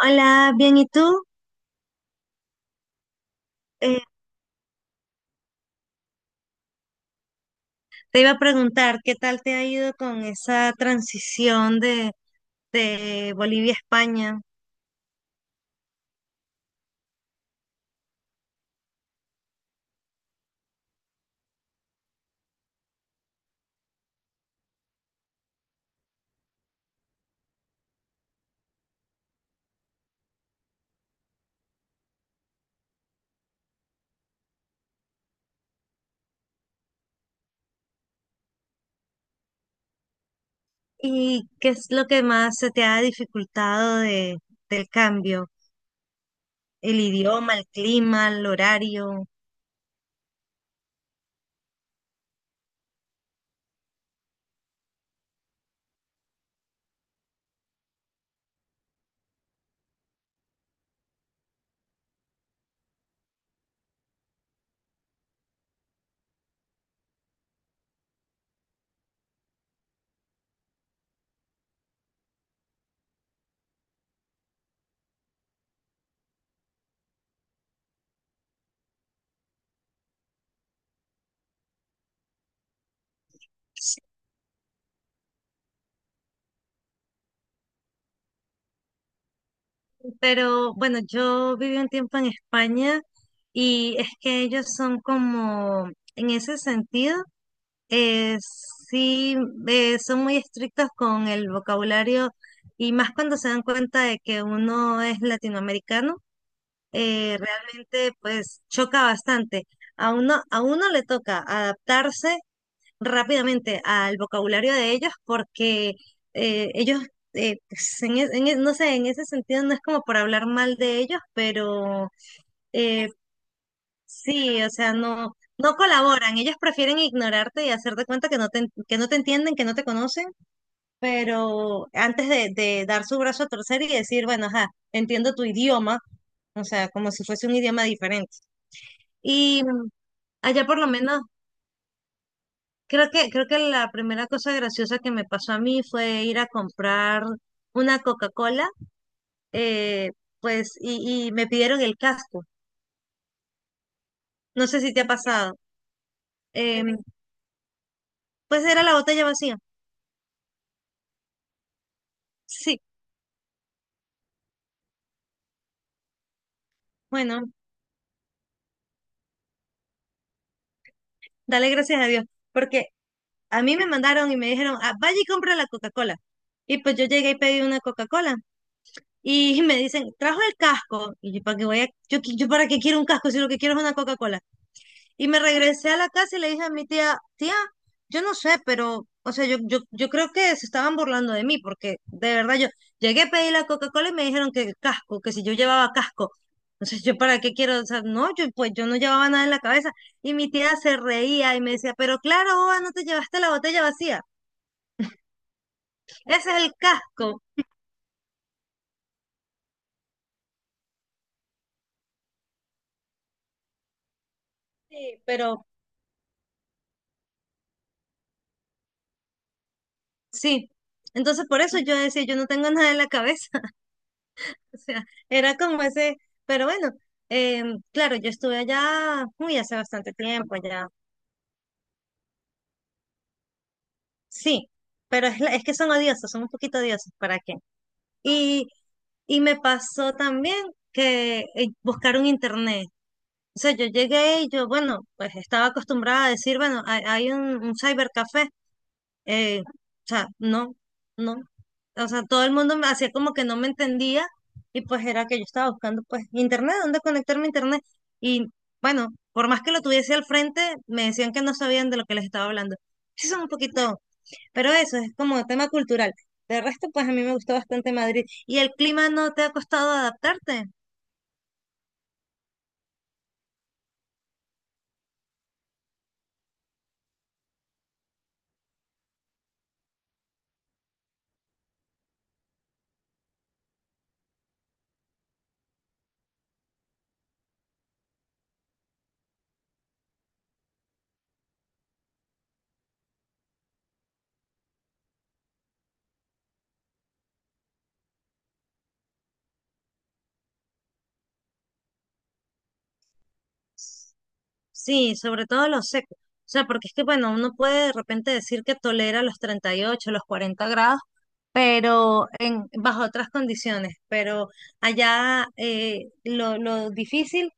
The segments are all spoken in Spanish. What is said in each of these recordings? Hola, bien, ¿y tú? Eh, Te iba a preguntar, ¿qué tal te ha ido con esa transición de Bolivia a España? ¿Y qué es lo que más se te ha dificultado del cambio? El idioma, el clima, el horario. Pero bueno, yo viví un tiempo en España y es que ellos son como, en ese sentido. Sí, son muy estrictos con el vocabulario y más cuando se dan cuenta de que uno es latinoamericano. Realmente pues choca bastante. A uno le toca adaptarse rápidamente al vocabulario de ellos porque ellos, pues, en e- no sé, en ese sentido no es como por hablar mal de ellos, pero eh, sí, o sea, no, no colaboran. Ellos prefieren ignorarte y hacer de cuenta que no que no te entienden, que no te conocen, pero antes de dar su brazo a torcer y decir, bueno, ajá, entiendo tu idioma, o sea, como si fuese un idioma diferente. Y allá por lo menos, creo que la primera cosa graciosa que me pasó a mí fue ir a comprar una Coca-Cola, eh, y me pidieron el casco. No sé si te ha pasado. Em, pues era la botella vacía. Sí. Bueno, dale gracias a Dios, porque a mí me mandaron y me dijeron: "Ah, vaya y compra la Coca-Cola". Y pues yo llegué y pedí una Coca-Cola. Y me dicen, ¿trajo el casco? Y yo, ¿para qué voy yo para qué quiero un casco si lo que quiero es una Coca-Cola? Y me regresé a la casa y le dije a mi tía: tía, yo no sé, pero, o sea, yo creo que se estaban burlando de mí, porque de verdad yo llegué a pedir la Coca-Cola y me dijeron que el casco, que si yo llevaba casco. Entonces, ¿yo para qué quiero? O sea, no, yo pues yo no llevaba nada en la cabeza. Y mi tía se reía y me decía, pero claro, boba, no te llevaste la botella vacía. Ese es el casco. Sí, pero sí. Entonces, por eso yo decía, yo no tengo nada en la cabeza. O sea, era como ese, pero bueno, claro, yo estuve allá, uy, hace bastante tiempo ya, sí, pero es que son odiosos, son un poquito odiosos, ¿para qué? Y, y me pasó también que buscaron internet. O sea, yo llegué y yo, bueno, pues estaba acostumbrada a decir, bueno, hay un cybercafé. eh, o sea, no, no. O sea, todo el mundo me hacía como que no me entendía y pues era que yo estaba buscando pues internet, dónde conectarme a internet. Y bueno, por más que lo tuviese al frente, me decían que no sabían de lo que les estaba hablando. Sí, son un poquito, pero eso es como tema cultural. De resto, pues a mí me gustó bastante Madrid. ¿Y el clima no te ha costado adaptarte? Sí, sobre todo lo seco. O sea, porque es que, bueno, uno puede de repente decir que tolera los 38 los 40 grados, pero en, bajo otras condiciones. Pero allá lo difícil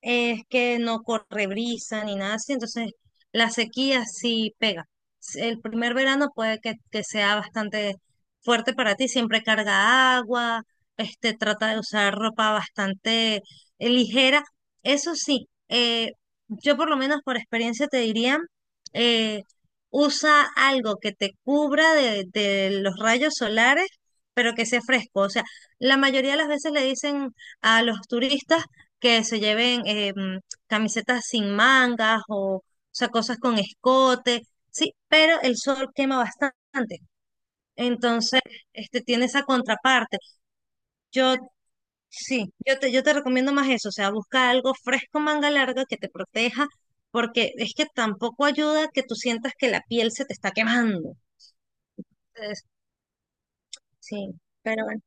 es que no corre brisa ni nada así, entonces la sequía sí pega. El primer verano puede que sea bastante fuerte para ti. Siempre carga agua, este, trata de usar ropa bastante ligera. Eso sí, yo por lo menos por experiencia te diría, eh, usa algo que te cubra de los rayos solares, pero que sea fresco. O sea, la mayoría de las veces le dicen a los turistas que se lleven camisetas sin mangas o sea, cosas con escote, sí, pero el sol quema bastante. Entonces, este tiene esa contraparte. Yo yo te recomiendo más eso, o sea, busca algo fresco, manga larga que te proteja porque es que tampoco ayuda que tú sientas que la piel se te está quemando. Entonces, sí, pero bueno.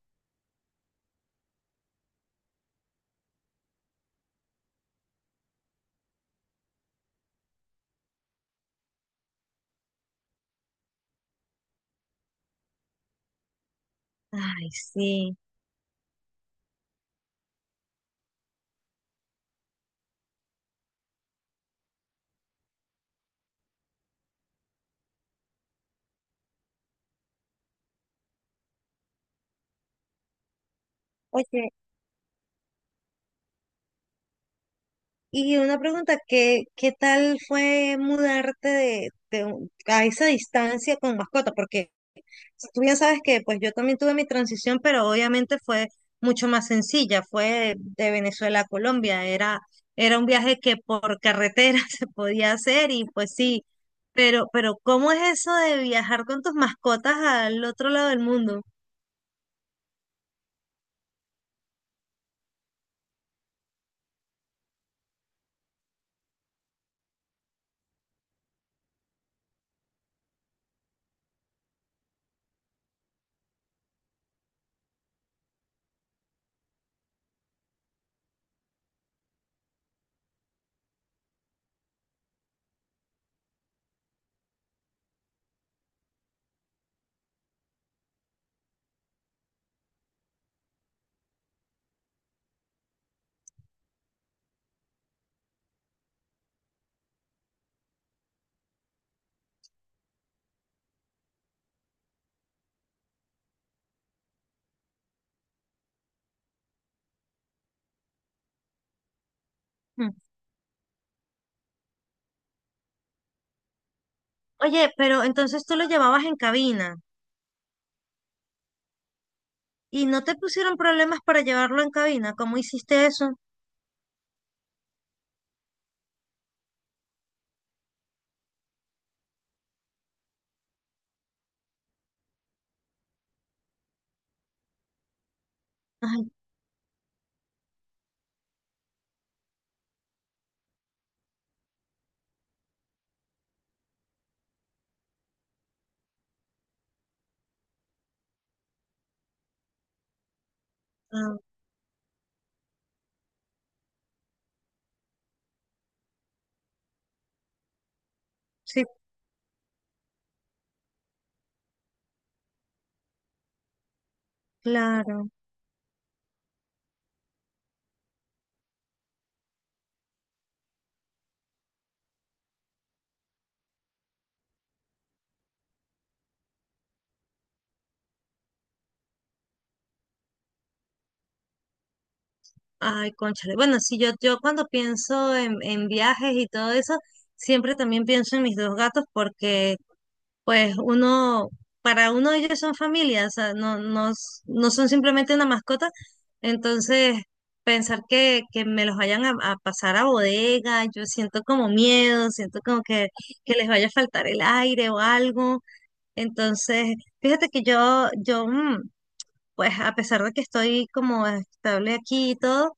Ay, sí. Oye, y una pregunta, ¿qué tal fue mudarte a esa distancia con mascota? Porque tú bien sabes que pues yo también tuve mi transición, pero obviamente fue mucho más sencilla, fue de Venezuela a Colombia, era un viaje que por carretera se podía hacer y pues sí, pero ¿cómo es eso de viajar con tus mascotas al otro lado del mundo? Mm. Oye, pero entonces tú lo llevabas en cabina. ¿Y no te pusieron problemas para llevarlo en cabina? ¿Cómo hiciste eso? Ay, ah, sí, claro. Ay, cónchale. Bueno, sí, yo cuando pienso en viajes y todo eso, siempre también pienso en mis 2 gatos porque, pues, uno, para uno ellos son familia, o sea, no son simplemente una mascota. Entonces, pensar que me los vayan a pasar a bodega, yo siento como miedo, siento como que les vaya a faltar el aire o algo. Entonces, fíjate que pues a pesar de que estoy como estable aquí y todo,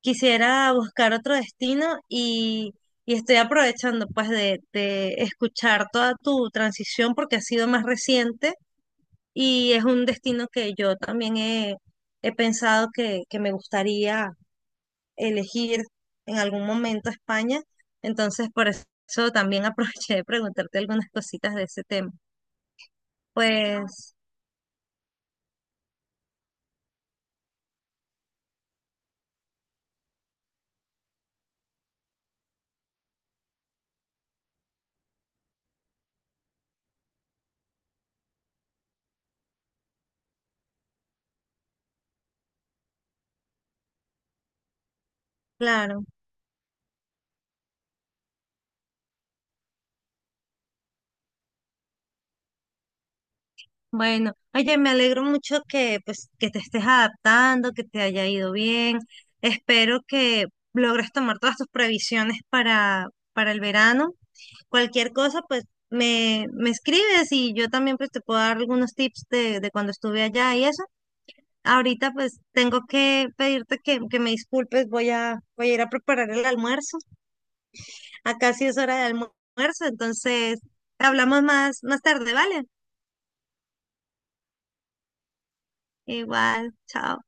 quisiera buscar otro destino y estoy aprovechando pues de escuchar toda tu transición porque ha sido más reciente y es un destino que he pensado que me gustaría elegir en algún momento España. Entonces, por eso también aproveché de preguntarte algunas cositas de ese tema. Pues, claro. Bueno, oye, me alegro mucho que pues que te estés adaptando, que te haya ido bien. Espero que logres tomar todas tus previsiones para el verano. Cualquier cosa, pues me escribes y yo también pues te puedo dar algunos tips de cuando estuve allá y eso. Ahorita pues tengo que pedirte que me disculpes, voy a ir a preparar el almuerzo. Acá sí es hora de almuerzo, entonces hablamos más tarde, ¿vale? Igual, chao.